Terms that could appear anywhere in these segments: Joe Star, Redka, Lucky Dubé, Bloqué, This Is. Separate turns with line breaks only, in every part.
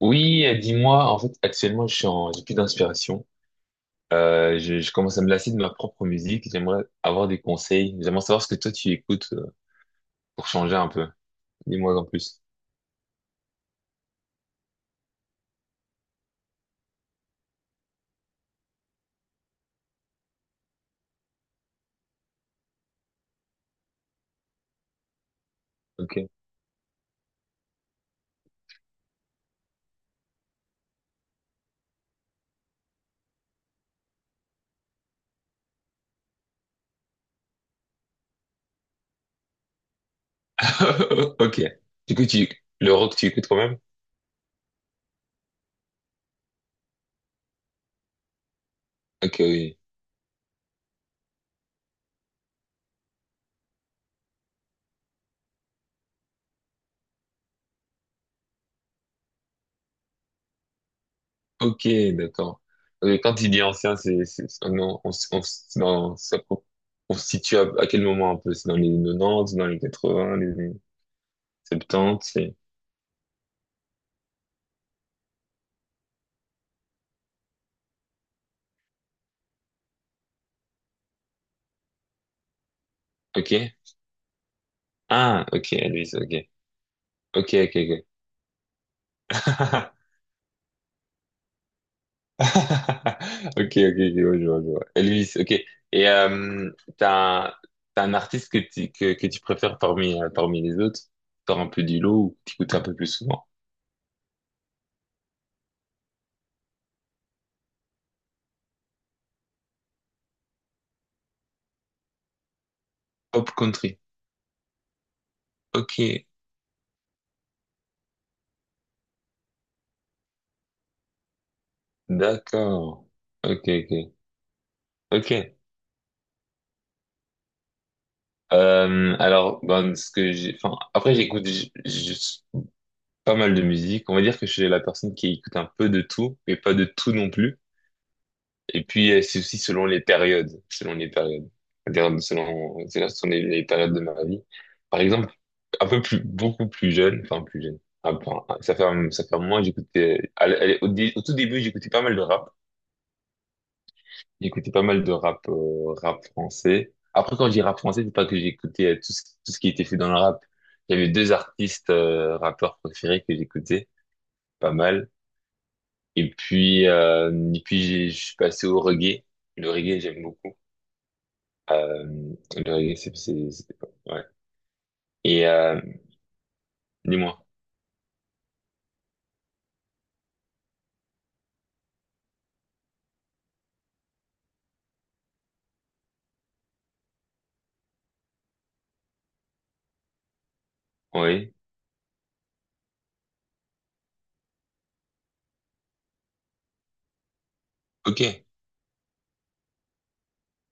Oui, dis-moi, en fait, actuellement, j'ai plus d'inspiration. Je commence à me lasser de ma propre musique. J'aimerais avoir des conseils. J'aimerais savoir ce que toi tu écoutes pour changer un peu. Dis-moi en plus. Ok. Ok. Du coup, le rock, tu écoutes quand même? Ok, oui. Ok, d'accord. Quand tu dis ancien, c'est- on, s- c'est dans- ça co- on se situe à quel moment un peu? C'est dans les 90, dans les 80, les 70, ok? Ah, ok, Elvis, ok. Ok, ok, ok. Ok, ok, ok, ouais, je vois. Elvis, ok. Et t'as un, t'as un artiste que tu préfères parmi, parmi les autres? Sors un peu du lot ou que tu écoutes un peu plus souvent? Pop country. Ok, d'accord. Ok, ok. Ok. Ben, ce que j'ai, enfin, après, j'écoute pas mal de musique. On va dire que je suis la personne qui écoute un peu de tout, mais pas de tout non plus. Et puis, c'est aussi selon les périodes, c'est-à-dire selon les périodes de ma vie. Par exemple, un peu plus, beaucoup plus jeune, enfin plus jeune. Ah, bon, ça fait un moment, j'écoutais, à l- au, dé- au tout début, j'écoutais pas mal de rap. J'écoutais pas mal de rap, rap français. Après, quand je dis rap français, c'est pas que j'écoutais tout ce qui était fait dans le rap. Il y avait deux artistes, rappeurs préférés que j'écoutais pas mal. Et puis, je suis passé au reggae. Le reggae, j'aime beaucoup. Euh, le reggae, ouais. Et dis-moi, oui, ok,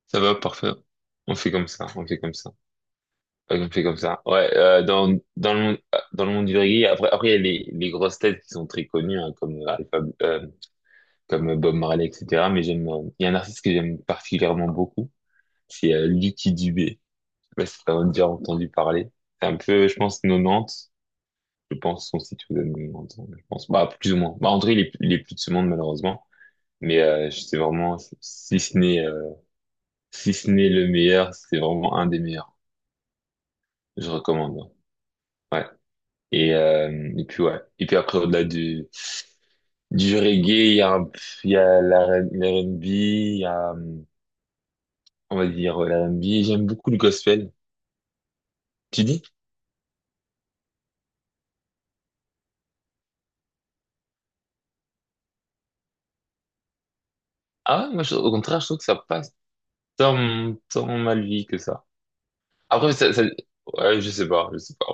ça va, parfait. On fait comme ça, on fait comme ça. Ouais, on fait comme ça. Ouais, dans le monde du reggae, après, il y a les grosses têtes qui sont très connues, hein, comme Alpha, euh, comme Bob Marley, etc. Mais j'aime, il y a un artiste que j'aime particulièrement beaucoup, c'est Lucky Dubé. Je sais pas si t'as déjà entendu parler. C'est un peu, je pense, 90. Je pense, son site vous donne 90, je pense. Bah, plus ou moins. Bah, en tout cas, il est plus de ce monde, malheureusement. Mais c'est vraiment, si ce n'est le meilleur, c'est vraiment un des meilleurs. Je recommande. Ouais. Et puis ouais. Et puis après, du reggae, il y a l'R&B, il y a, l'R&B. J'aime beaucoup le gospel. Tu dis? Ah ouais, au contraire, je trouve que ça passe tant, tant mal vie que ça. Après, ça, ça- ouais, je sais pas.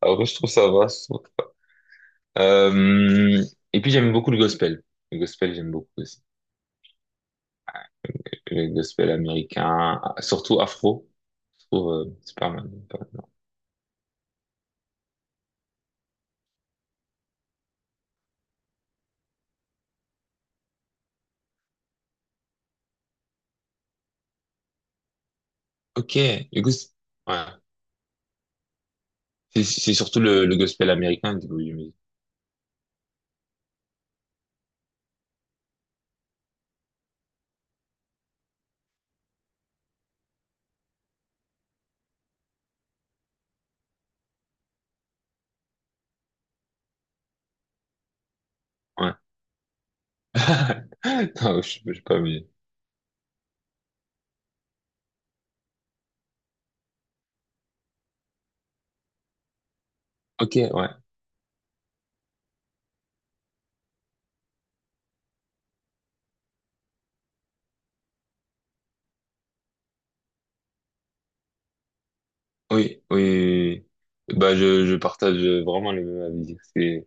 Après, je trouve que ça va. Euh, j'aime beaucoup le gospel. Le gospel, j'aime beaucoup aussi. Que les gospels américains, surtout afro. Je trouve, c'est pas mal. Pas mal. Non. Ok, le gos- ouais. C'est surtout le gospel américain, du coup, j'imagine. Ouais. Non, je sais pas, mais... Ok, ouais. Oui, oui, oui, oui. Bah, je partage vraiment les mêmes avis. C'est,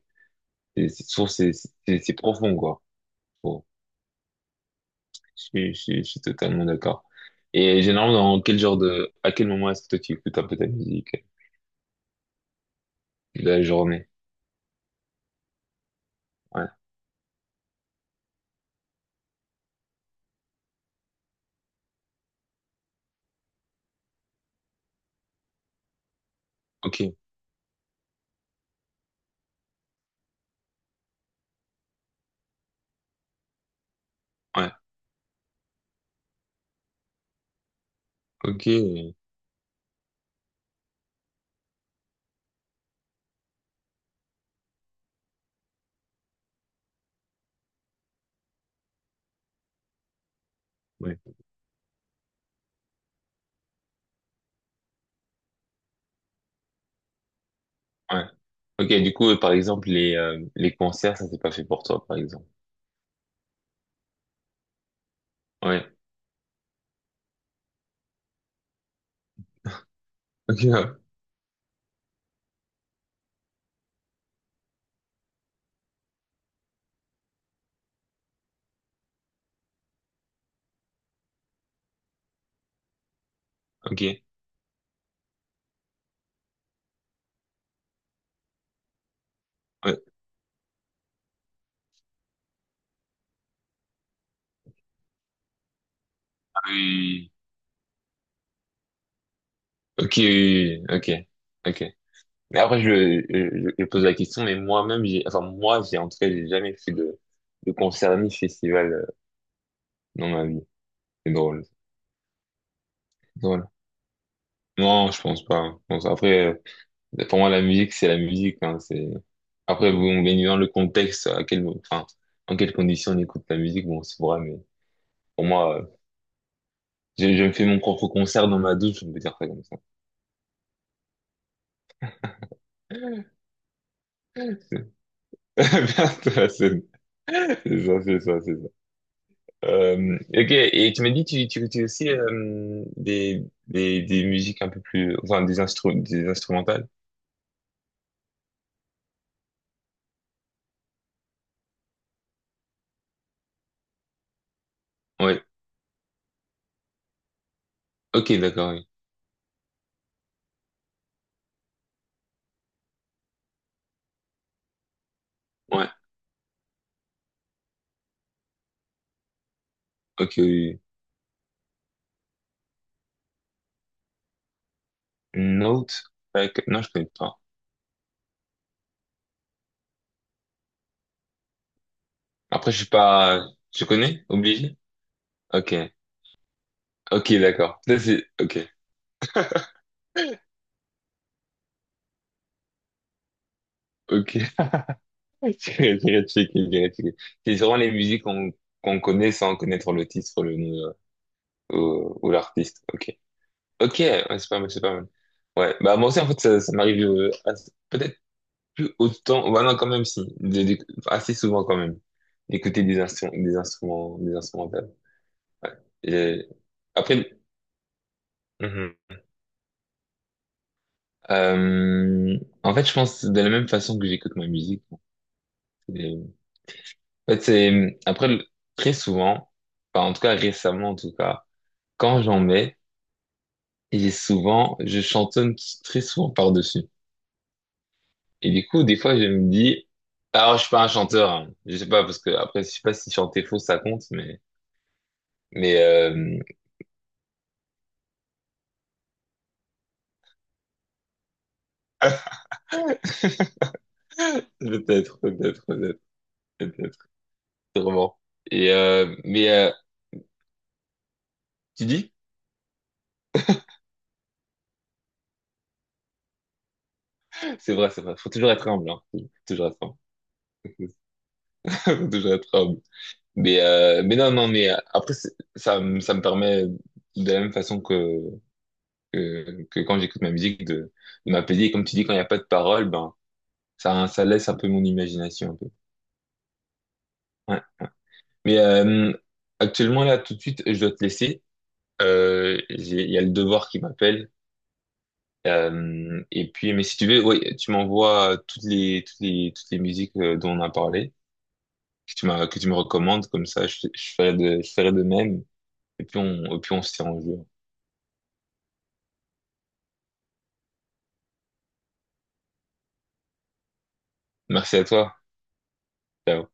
c'est, c'est, Je trouve que c'est profond, quoi. Bon, je suis totalement d'accord. Et généralement, dans quel genre de, à quel moment est-ce que toi tu écoutes un peu ta musique de la journée? Ouais. Ok, ouais, ok. Ouais. Ouais. Ok, du coup, par exemple, les concerts, ça c'est pas fait pour toi, par exemple. Ouais. Ok, ouais. Ok. Ouais. Ah oui. Ok, oui, oui, ok, ok. Mais après, je pose la question, mais moi-même, j'ai, en tout cas, j'ai jamais fait de concert ni festival dans ma vie. C'est drôle, c'est drôle. Non, je pense pas, hein. Après, pour moi, la musique, c'est la musique, hein, c'est, après, bon, bien évidemment, le contexte, à quel, enfin, en quelles conditions on écoute la musique, bon, c'est vrai, mais pour moi, je me fais mon propre concert dans ma douche, on peut dire ça comme ça. C'est ça, c'est ça, c'est ça, c'est ça. Ok, et tu m'as dit, tu écoutais aussi des musiques un peu plus, des instrumentales. Ouais, ok, d'accord, oui. Ouais, ok, oui, oui. Note, ouais, non, je connais pas. Après, je suis pas, je connais, obligé? Ok, ok, d'accord. Ok, ok. C'est Grétchik. C'est sûrement les musiques qu'on connaît sans connaître le titre, le nom ou l'artiste. Ok. Ok, ouais, c'est pas mal, c'est pas mal. Ouais, bah moi aussi en fait ça m'arrive peut-être plus autant, bah non quand même si, assez souvent quand même, d'écouter des instrumentales. Ouais. Et après, mhm. Euh, en fait je pense de la même façon que j'écoute ma musique. Et, en fait très souvent, enfin en tout cas récemment en tout cas. Quand j'en mets, je chantonne très souvent par-dessus. Et du coup, des fois, je me dis, alors je suis pas un chanteur, hein. Je sais pas, parce que après, je sais pas si chanter faux, ça compte, mais, mais, euh... peut-être, peut-être, peut-être, peut-être, sûrement. Et, tu dis? C'est vrai, c'est vrai. Faut toujours être humble, hein. Faut toujours être humble. Faut toujours être humble. Mais non, non, mais après, c'est- ça me permet de la même façon que quand j'écoute ma musique de m'apaiser. Et comme tu dis, quand il n'y a pas de parole, ben, ça laisse un peu mon imagination un peu. Ouais. Mais actuellement, là, tout de suite, je dois te laisser. Il y a le devoir qui m'appelle. Et puis, mais si tu veux, ouais, tu m'envoies toutes les musiques dont on a parlé, que tu me recommandes, comme ça, je ferai je ferai de même. Et puis on se tient au jeu. Merci à toi. Ciao.